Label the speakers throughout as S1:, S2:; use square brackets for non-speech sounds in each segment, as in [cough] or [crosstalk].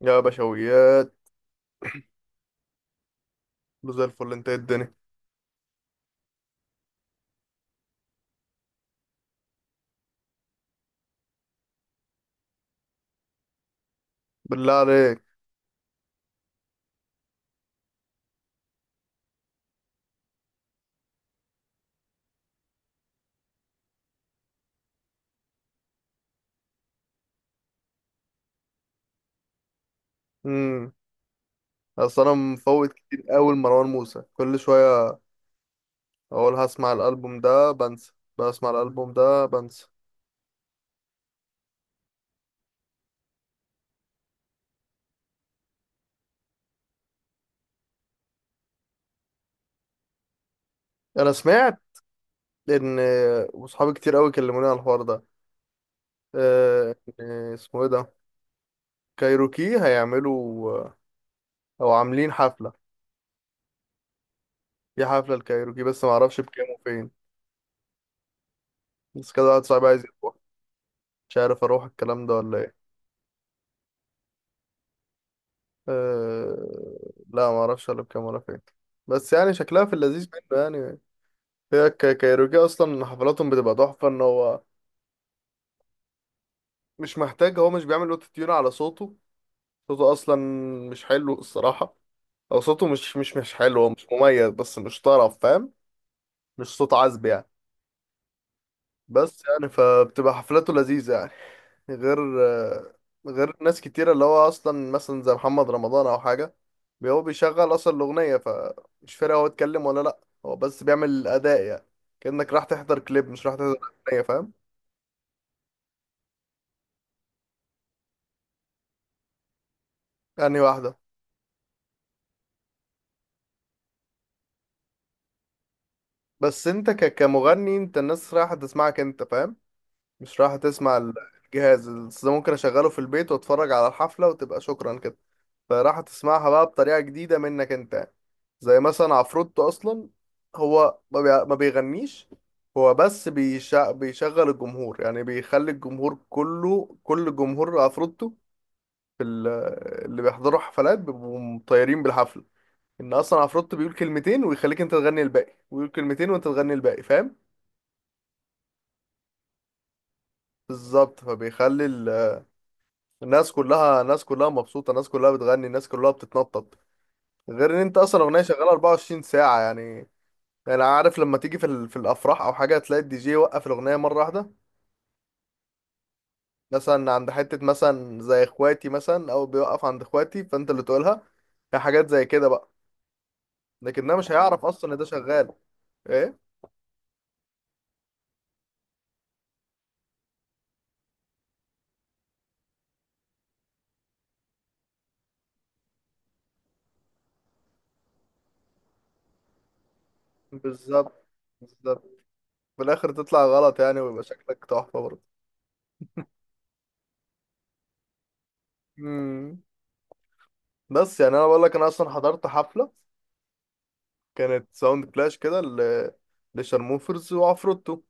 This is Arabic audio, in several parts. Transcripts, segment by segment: S1: يا بشويات، له زي الفل. انت ايه الدنيا؟ بالله عليك. امم اصل انا مفوت كتير قوي لمروان موسى. كل شويه اقول هسمع الالبوم ده بنسى، بسمع الالبوم ده بنسى. انا سمعت ان وصحابي كتير قوي كلموني على الحوار ده. اه، ان اسمه ايه ده، كايروكي هيعملوا او عاملين حفله. في حفله الكايروكي بس ما اعرفش بكام وفين. بس كده واحد صاحبي عايز يروح، مش عارف اروح الكلام ده ولا ايه. أه... لا ما اعرفش الا بكام ولا فين، بس يعني شكلها في اللذيذ منه يعني. هي كايروكي اصلا حفلاتهم بتبقى تحفه، ان هو مش محتاج، هو مش بيعمل اوتو تيون على صوته. صوته اصلا مش حلو الصراحه، او صوته مش حلو، هو مش مميز بس مش طرب فاهم، مش صوت عذب يعني. بس يعني فبتبقى حفلاته لذيذة يعني. غير، غير ناس كتيرة اللي هو أصلا مثلا زي محمد رمضان أو حاجة، هو بيشغل أصلا الأغنية، فمش فارق هو اتكلم ولا لأ. هو بس بيعمل الأداء يعني، كأنك راح تحضر كليب مش راح تحضر أغنية فاهم. يعني واحدة، بس أنت كمغني، أنت الناس رايحة تسمعك أنت فاهم، مش رايحة تسمع الجهاز. بس ده ممكن أشغله في البيت وأتفرج على الحفلة وتبقى شكرا كده. فراح تسمعها بقى بطريقة جديدة منك انت. زي مثلا عفروتو اصلا، هو ما بيغنيش، هو بس بيشغل الجمهور، يعني بيخلي الجمهور كله، كل جمهور عفروتو في اللي بيحضروا حفلات بيبقوا مطيرين بالحفلة. ان اصلا عفروتو بيقول كلمتين ويخليك انت تغني الباقي، ويقول كلمتين وانت تغني الباقي فاهم. بالظبط، فبيخلي الناس كلها، الناس كلها مبسوطة، الناس كلها بتغني، الناس كلها بتتنطط. غير ان انت اصلا اغنية شغالة 24 ساعة يعني. انا عارف لما تيجي في في الافراح او حاجه تلاقي الدي جي يوقف الاغنيه مره واحده، مثلا عند حته مثلا زي اخواتي مثلا، او بيوقف عند اخواتي فانت اللي تقولها. هي حاجات زي كده بقى، لكن ده مش هيعرف اصلا ان ده شغال. ايه، بالظبط، بالظبط. في الاخر تطلع غلط يعني ويبقى شكلك تحفه برضه. امم بس يعني انا بقول لك، انا اصلا حضرت حفله كانت ساوند كلاش كده لشارموفرز وعفروتو.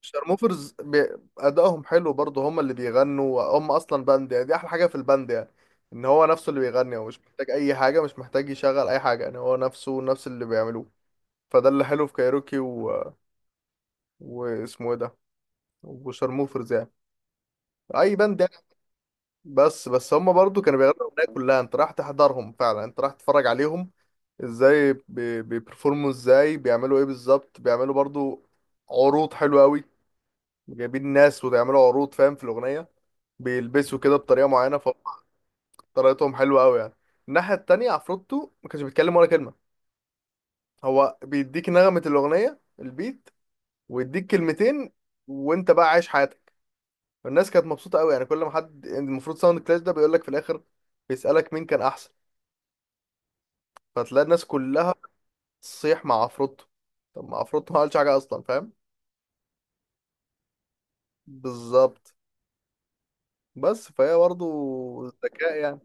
S1: شارموفرز بي... ادائهم حلو برضه، هم اللي بيغنوا، هم اصلا باند يعني، دي احلى حاجه في الباند يعني، ان هو نفسه اللي بيغني، هو مش محتاج اي حاجه، مش محتاج يشغل اي حاجه يعني، هو نفسه نفس اللي بيعملوه. فده اللي حلو في كايروكي و... واسمه ايه ده، وشارموفرز يعني، اي باند يعني. بس بس هم برضه كانوا بيغنوا الاغنيه كلها، انت راح تحضرهم فعلا، انت راح تتفرج عليهم ازاي بيبرفورموا، ازاي بيعملوا ايه بالظبط، بيعملوا برضه عروض حلوه قوي، جايبين ناس وبيعملوا عروض فاهم في الاغنيه، بيلبسوا كده بطريقه معينه، فطريقتهم حلوه قوي يعني. الناحيه التانية عفروتو ما كانش بيتكلم ولا كلمه، هو بيديك نغمه الاغنيه البيت، ويديك كلمتين، وانت بقى عايش حياتك. الناس كانت مبسوطه قوي يعني. كل ما حد يعني، المفروض ساوند كلاش ده بيقول لك في الاخر، بيسالك مين كان احسن، فتلاقي الناس كلها تصيح مع عفروتو. طب ما عفروتو ما عملش حاجه اصلا فاهم. بالظبط، بس فهي برضه ذكاء يعني.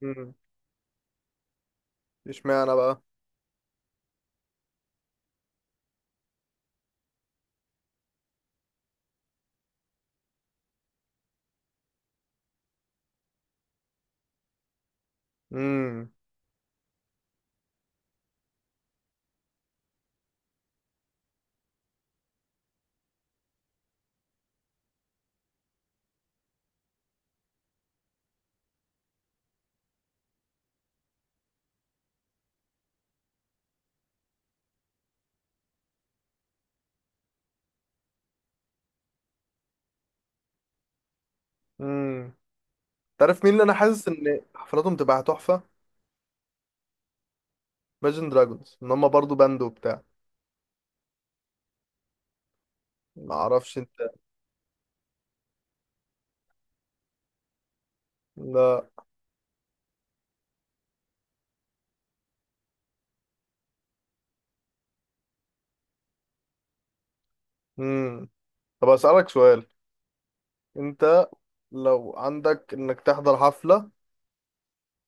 S1: مم. اشمعنى بقى امم تعرف مين اللي انا حاسس ان حفلاتهم تبقى تحفه؟ Imagine دراجونز، ان هم برضو باند وبتاع. ما اعرفش انت. لا. امم طب اسالك سؤال، انت لو عندك انك تحضر حفله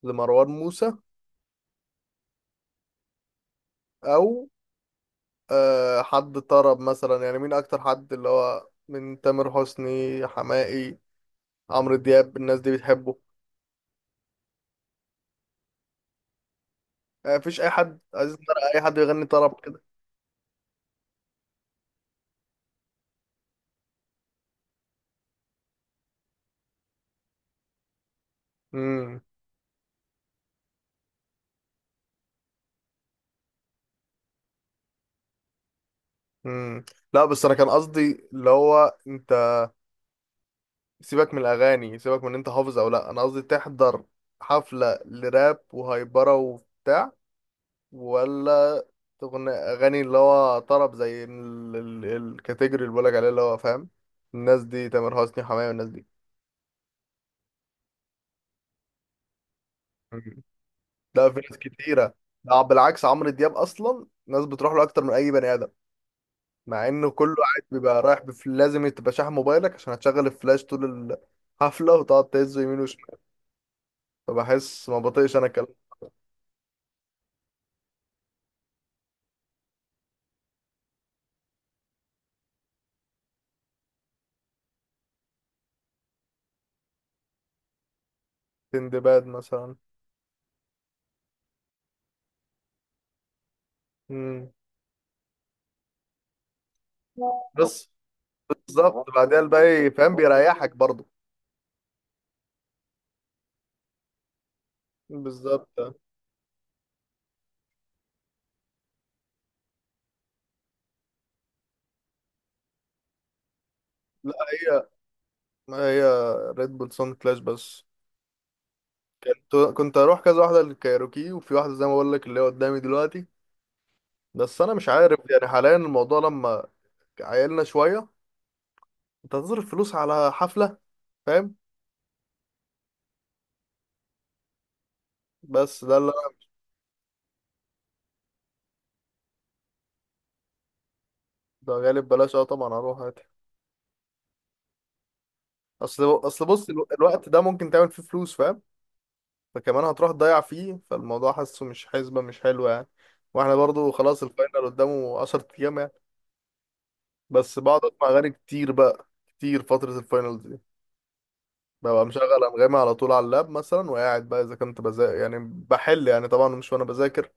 S1: لمروان موسى، او حد طرب مثلا يعني، مين اكتر حد اللي هو من تامر حسني، حماقي، عمرو دياب، الناس دي بتحبه؟ مفيش اي حد عايز نرى، اي حد يغني طرب كده. امم امم لا بس انا كان قصدي اللي هو انت، سيبك من الاغاني، سيبك من إن انت حافظ او لا. انا قصدي تحضر حفله لراب وهايبره وبتاع، ولا تغني اغاني اللي هو طرب زي الكاتيجوري اللي بقولك عليه اللي هو فاهم، الناس دي تامر حسني، حماية والناس دي. مم. لا في ناس كتيره، لا بالعكس، عمرو دياب اصلا ناس بتروح له اكتر من اي بني ادم. مع انه كله قاعد بيبقى رايح لازم تبقى شاحن موبايلك عشان هتشغل الفلاش طول الحفله، وتقعد تهزه يمين وشمال. فبحس ما بطيقش انا كلام. تندباد مثلا. مم. بس بالظبط، بعدين الباقي فاهم بيريحك برضه. بالظبط. لا هي، ما هي ريد بول سون كلاش بس. كنت، كنت اروح كذا واحده للكايروكي، وفي واحده زي ما بقول لك اللي هي قدامي دلوقتي. بس انا مش عارف يعني حاليا الموضوع لما عيلنا شويه، انت هتصرف فلوس على حفله فاهم. بس ده اللي ده غالب بلاش اه طبعا هروح عادي. اصل بص، الوقت ده ممكن تعمل فيه فلوس فاهم، فكمان هتروح تضيع فيه، فالموضوع حاسه مش حسبة مش حلوة يعني. واحنا برضو خلاص الفاينل قدامه 10 ايام يعني. بس بقعد اسمع اغاني كتير بقى، كتير فترة الفاينل دي. ببقى مشغل انغامي على طول على اللاب مثلا، وقاعد بقى اذا كنت بذاكر يعني بحل يعني، طبعا مش وانا بذاكر،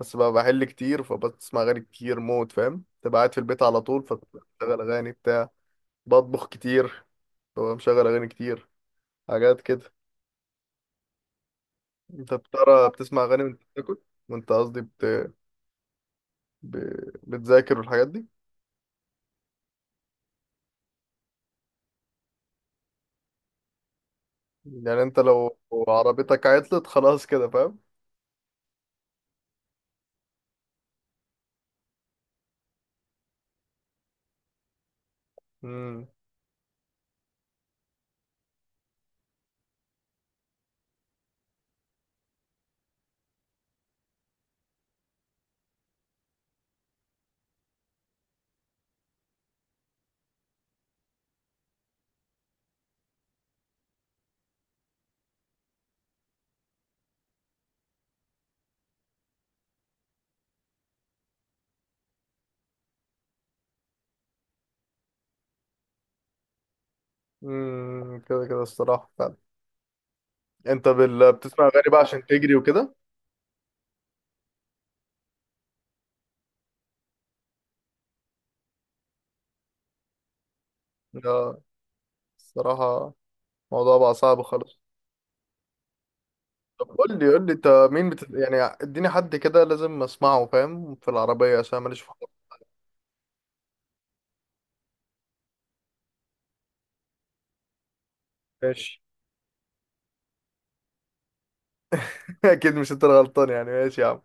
S1: بس بقى بحل كتير، فبسمع اغاني كتير موت فاهم. تبقى قاعد في البيت على طول فبشغل اغاني بتاع بطبخ كتير ببقى مشغل اغاني كتير، حاجات كده. انت بترى بتسمع اغاني وانت بتاكل، وانت قصدي ب... بتذاكر والحاجات دي؟ يعني انت لو عربيتك عطلت خلاص كده فاهم. امم كده كده الصراحة فعلا. انت بتسمع اغاني بقى عشان تجري وكده؟ لا الصراحة الموضوع بقى صعب خالص. طب قول لي، قول لي انت مين يعني اديني حد كده لازم اسمعه فاهم في العربية عشان ماليش في حوار. ماشي. [laughs] اكيد مش انت الغلطان يعني، ماشي يا عم.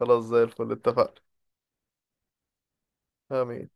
S1: خلاص زي الفل، اتفقنا. آمين.